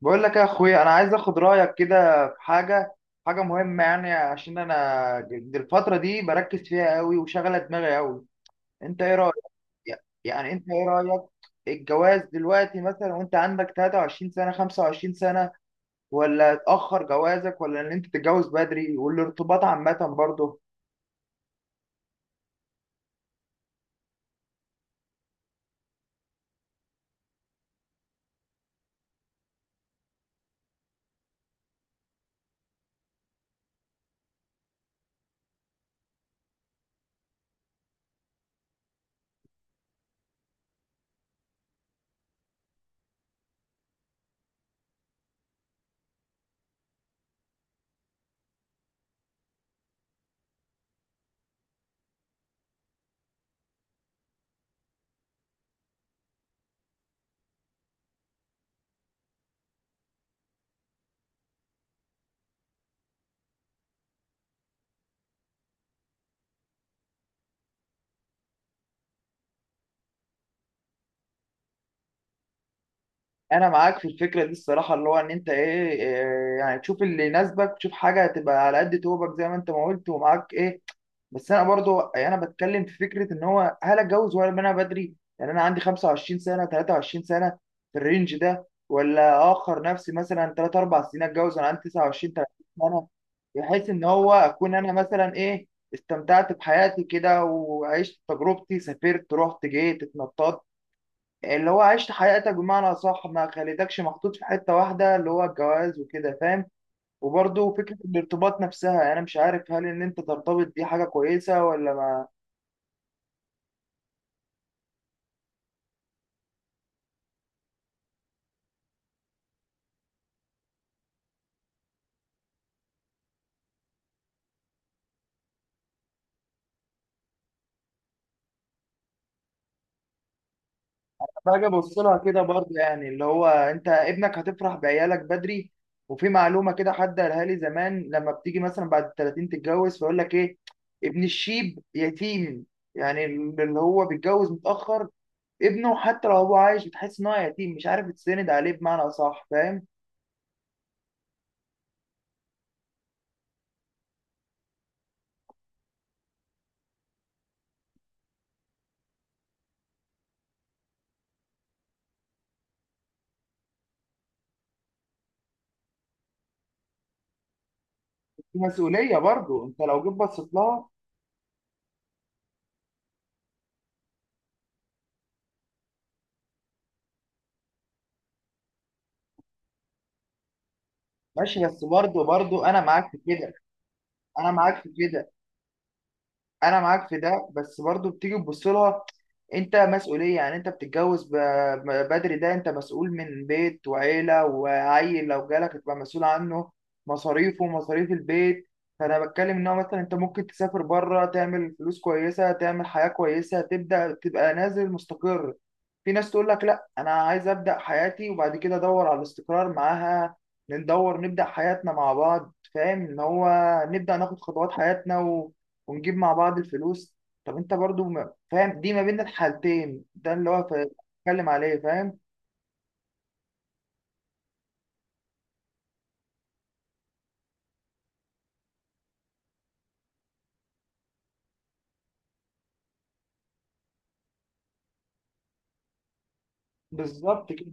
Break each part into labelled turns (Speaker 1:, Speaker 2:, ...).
Speaker 1: بقول لك يا اخويا، انا عايز اخد رايك كده في حاجه. حاجه مهمه، يعني عشان انا الفتره دي بركز فيها قوي وشغله دماغي قوي. انت ايه رايك؟ يع- يعني انت ايه رايك؟ الجواز دلوقتي مثلا، وانت عندك 23 سنه 25 سنه، ولا تاخر جوازك، ولا ان انت تتجوز بدري والارتباط عامه برضه. انا معاك في الفكره دي الصراحه، اللي هو ان انت ايه، يعني تشوف اللي يناسبك، تشوف حاجه تبقى على قد توبك زي ما انت ما قلت ومعاك ايه. بس انا برضو يعني انا بتكلم في فكره ان هو هل اتجوز ولا انا بدري. يعني انا عندي 25 سنه 23 سنه في الرينج ده، ولا اخر نفسي مثلا 3 4 سنين اتجوز وانا عندي 29 30 سنه، بحيث ان هو اكون انا مثلا ايه، استمتعت بحياتي كده وعشت تجربتي سافرت رحت جيت اتنططت، اللي هو عشت حياتك بمعنى صح ما خليتكش محطوط في حته واحده اللي هو الجواز وكده، فاهم. وبرضه فكرة الارتباط نفسها، يعني أنا مش عارف هل إن أنت ترتبط دي حاجة كويسة ولا ما. باجي ابص لها كده برضه، يعني اللي هو انت ابنك هتفرح بعيالك بدري. وفي معلومه كده حد قالها لي زمان، لما بتيجي مثلا بعد ال 30 تتجوز فيقول لك ايه: ابن الشيب يتيم. يعني اللي هو بيتجوز متاخر ابنه حتى لو هو عايش بتحس ان هو يتيم، مش عارف تسند عليه بمعنى اصح، فاهم. في مسؤوليه برضه انت لو جيت بصيت لها. ماشي، بس برضه انا معاك في كده. انا معاك في كده، انا معاك في ده، بس برضو بتيجي تبص لها. انت مسؤوليه، يعني انت بتتجوز بدري، ده انت مسؤول من بيت وعيله وعيل لو جالك تبقى مسؤول عنه، مصاريفه ومصاريف البيت. فانا بتكلم ان هو مثلا انت ممكن تسافر بره تعمل فلوس كويسه تعمل حياه كويسه تبدا تبقى نازل مستقر. في ناس تقول لك لا، انا عايز ابدا حياتي وبعد كده ادور على الاستقرار معاها، ندور نبدا حياتنا مع بعض، فاهم ان هو نبدا ناخد خطوات حياتنا ونجيب مع بعض الفلوس. طب انت برضو فاهم دي ما بين الحالتين، ده اللي هو بتكلم عليه، فاهم. بالظبط كده.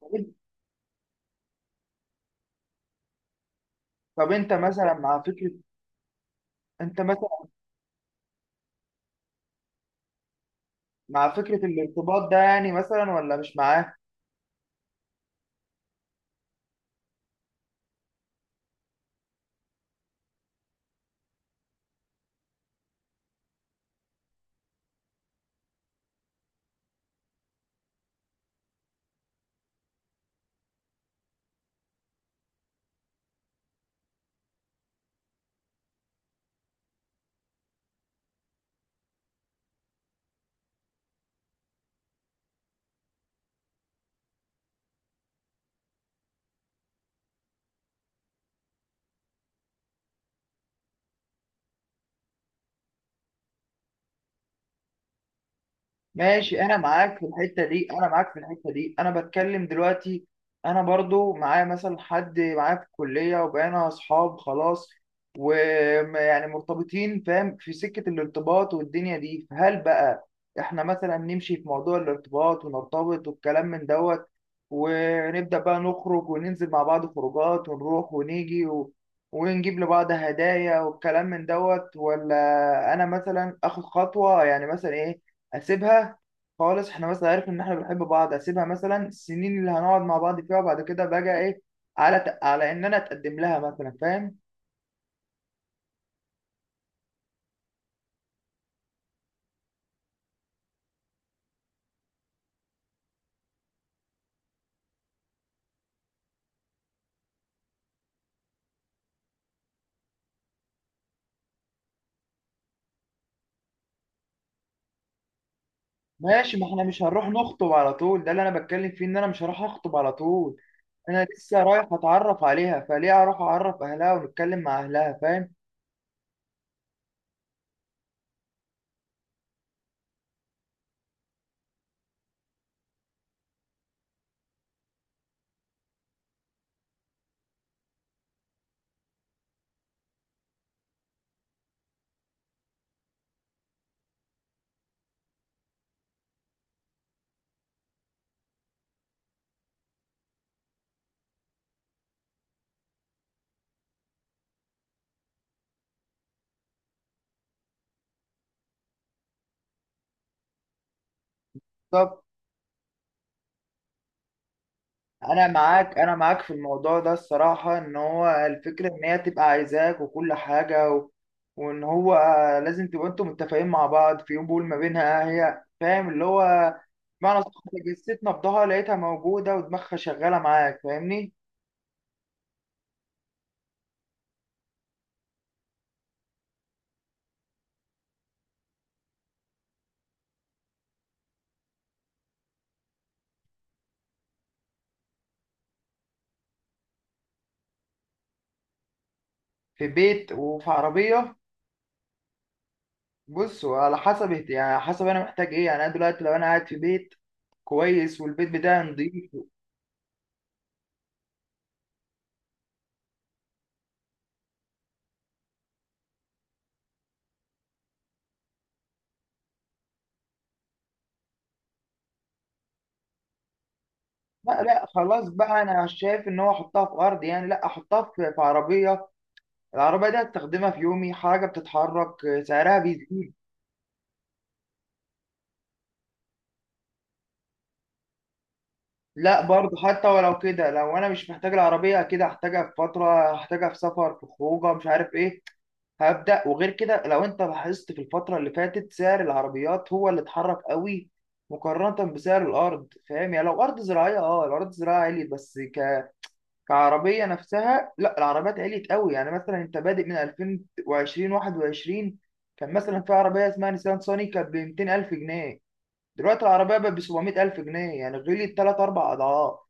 Speaker 1: طب انت طب انت مثلا مع فكرة انت مثلا مع فكرة الارتباط ده، يعني مثلا ولا مش معاه. ماشي، انا معاك في الحته دي انا معاك في الحته دي انا بتكلم دلوقتي. انا برضو معايا مثلا حد معايا في الكليه وبقينا اصحاب خلاص، ويعني مرتبطين، فاهم في سكه الارتباط والدنيا دي. فهل بقى احنا مثلا نمشي في موضوع الارتباط ونرتبط والكلام من دوت، ونبدا بقى نخرج وننزل مع بعض خروجات ونروح ونيجي ونجيب لبعض هدايا والكلام من دوت، ولا انا مثلا اخد خطوه يعني مثلا ايه، اسيبها خالص، احنا بس عارف ان احنا بنحب بعض، اسيبها مثلا السنين اللي هنقعد مع بعض فيها وبعد كده بقى ايه، على ان انا اتقدم لها مثلا، فاهم. ماشي، ما احنا مش هنروح نخطب على طول، ده اللي انا بتكلم فيه ان انا مش هروح اخطب على طول. انا لسه رايح اتعرف عليها، فليه اروح اعرف اهلها ونتكلم مع اهلها، فاهم؟ طب انا معاك في الموضوع ده الصراحه، ان هو الفكره ان هي تبقى عايزاك وكل حاجه وان هو لازم تبقوا انتوا متفقين مع بعض في يوم بول ما بينها هي، فاهم اللي هو معنى صح. جسيت نبضها لقيتها موجوده ودماغها شغاله معاك، فاهمني. في بيت وفي عربيه. بص، وعلى حسب يعني حسب انا محتاج ايه. يعني انا دلوقتي لو انا قاعد في بيت كويس والبيت بتاعي نضيف. لا لا خلاص بقى، انا شايف ان هو احطها في ارض يعني، لا احطها في عربيه. العربية دي هستخدمها في يومي، حاجة بتتحرك، آه، سعرها بيزيد. لا برضه حتى ولو كده، لو أنا مش محتاج العربية كده هحتاجها في فترة، هحتاجها في سفر في خروجة مش عارف إيه هبدأ، وغير كده لو أنت لاحظت في الفترة اللي فاتت سعر العربيات هو اللي اتحرك قوي مقارنة بسعر الأرض، فاهم؟ يعني لو أرض زراعية، أه الأرض الزراعية عليت، بس كعربية نفسها لا، العربيات عليت قوي. يعني مثلا أنت بادئ من 2020 21، كان مثلا في عربية اسمها نيسان صاني كانت ب 200 ألف جنيه، دلوقتي العربية بقت ب 700000 جنيه، يعني غليت تلات أربع أضعاف.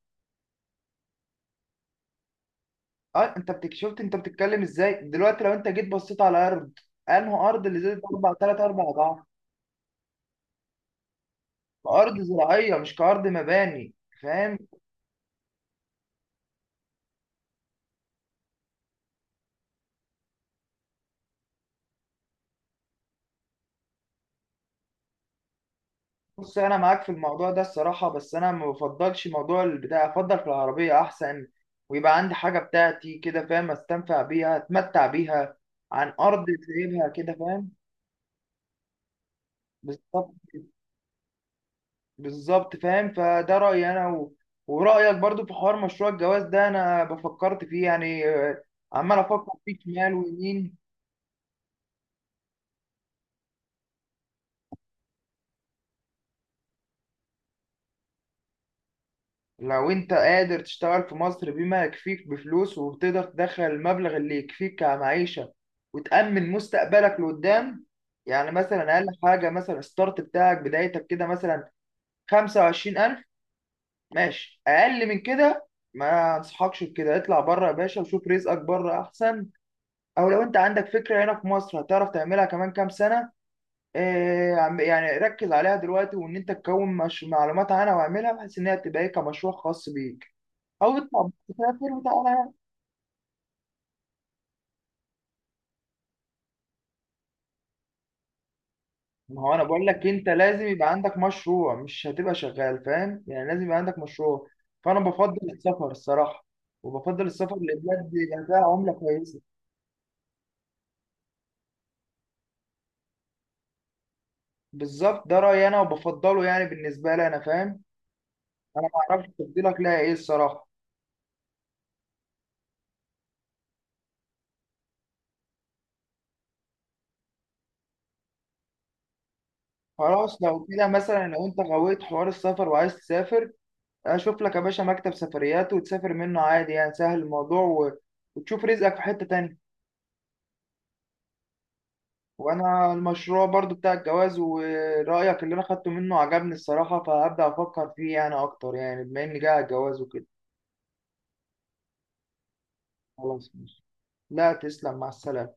Speaker 1: أه أنت شفت أنت بتتكلم إزاي، دلوقتي لو أنت جيت بصيت على أرض أنه أرض اللي زادت أربع تلات أربع أضعاف، أرض زراعية مش كأرض مباني، فاهم. بص، أنا معاك في الموضوع ده الصراحة، بس أنا ما بفضلش موضوع البتاع، أفضل في العربية أحسن ويبقى عندي حاجة بتاعتي كده، فاهم، أستنفع بيها أتمتع بيها عن أرض سايبها كده، فاهم. بالظبط. بالظبط فاهم، فده رأيي أنا ورأيك برضو في حوار مشروع الجواز ده، أنا بفكرت فيه يعني، آه، عمال أفكر فيه شمال ويمين. لو أنت قادر تشتغل في مصر بما يكفيك بفلوس وتقدر تدخل المبلغ اللي يكفيك كمعيشة وتأمن مستقبلك لقدام، يعني مثلا أقل حاجة مثلا الستارت بتاعك بدايتك كده، مثلا خمسة وعشرين ألف. ماشي، أقل من كده ما أنصحكش بكده، اطلع بره يا باشا وشوف رزقك بره أحسن. او لو انت عندك فكره هنا في مصر هتعرف تعملها كمان كام سنه، آه، يعني ركز عليها دلوقتي، وان انت تكون مش معلومات عنها واعملها بحيث انها تبقى ايه كمشروع خاص بيك، او اطلع تسافر وتعالى يعني. ما هو انا بقول لك انت لازم يبقى عندك مشروع، مش هتبقى شغال، فاهم، يعني لازم يبقى عندك مشروع. فانا بفضل السفر الصراحه، وبفضل السفر لبلاد يبقى فيها عمله كويسه. بالظبط، ده رايي انا وبفضله، يعني بالنسبه لي انا، فاهم. انا ما اعرفش تفضيلك ليها ايه الصراحه. خلاص، لو كده مثلا لو انت غويت حوار السفر وعايز تسافر، اشوف لك يا باشا مكتب سفريات وتسافر منه عادي، يعني سهل الموضوع وتشوف رزقك في حتة تانية. وانا المشروع برضو بتاع الجواز ورأيك اللي انا خدته منه عجبني الصراحة، فهبدأ افكر فيه يعني اكتر، يعني بما اني جاي على الجواز وكده. خلاص ماشي. لا، تسلم، مع السلامة.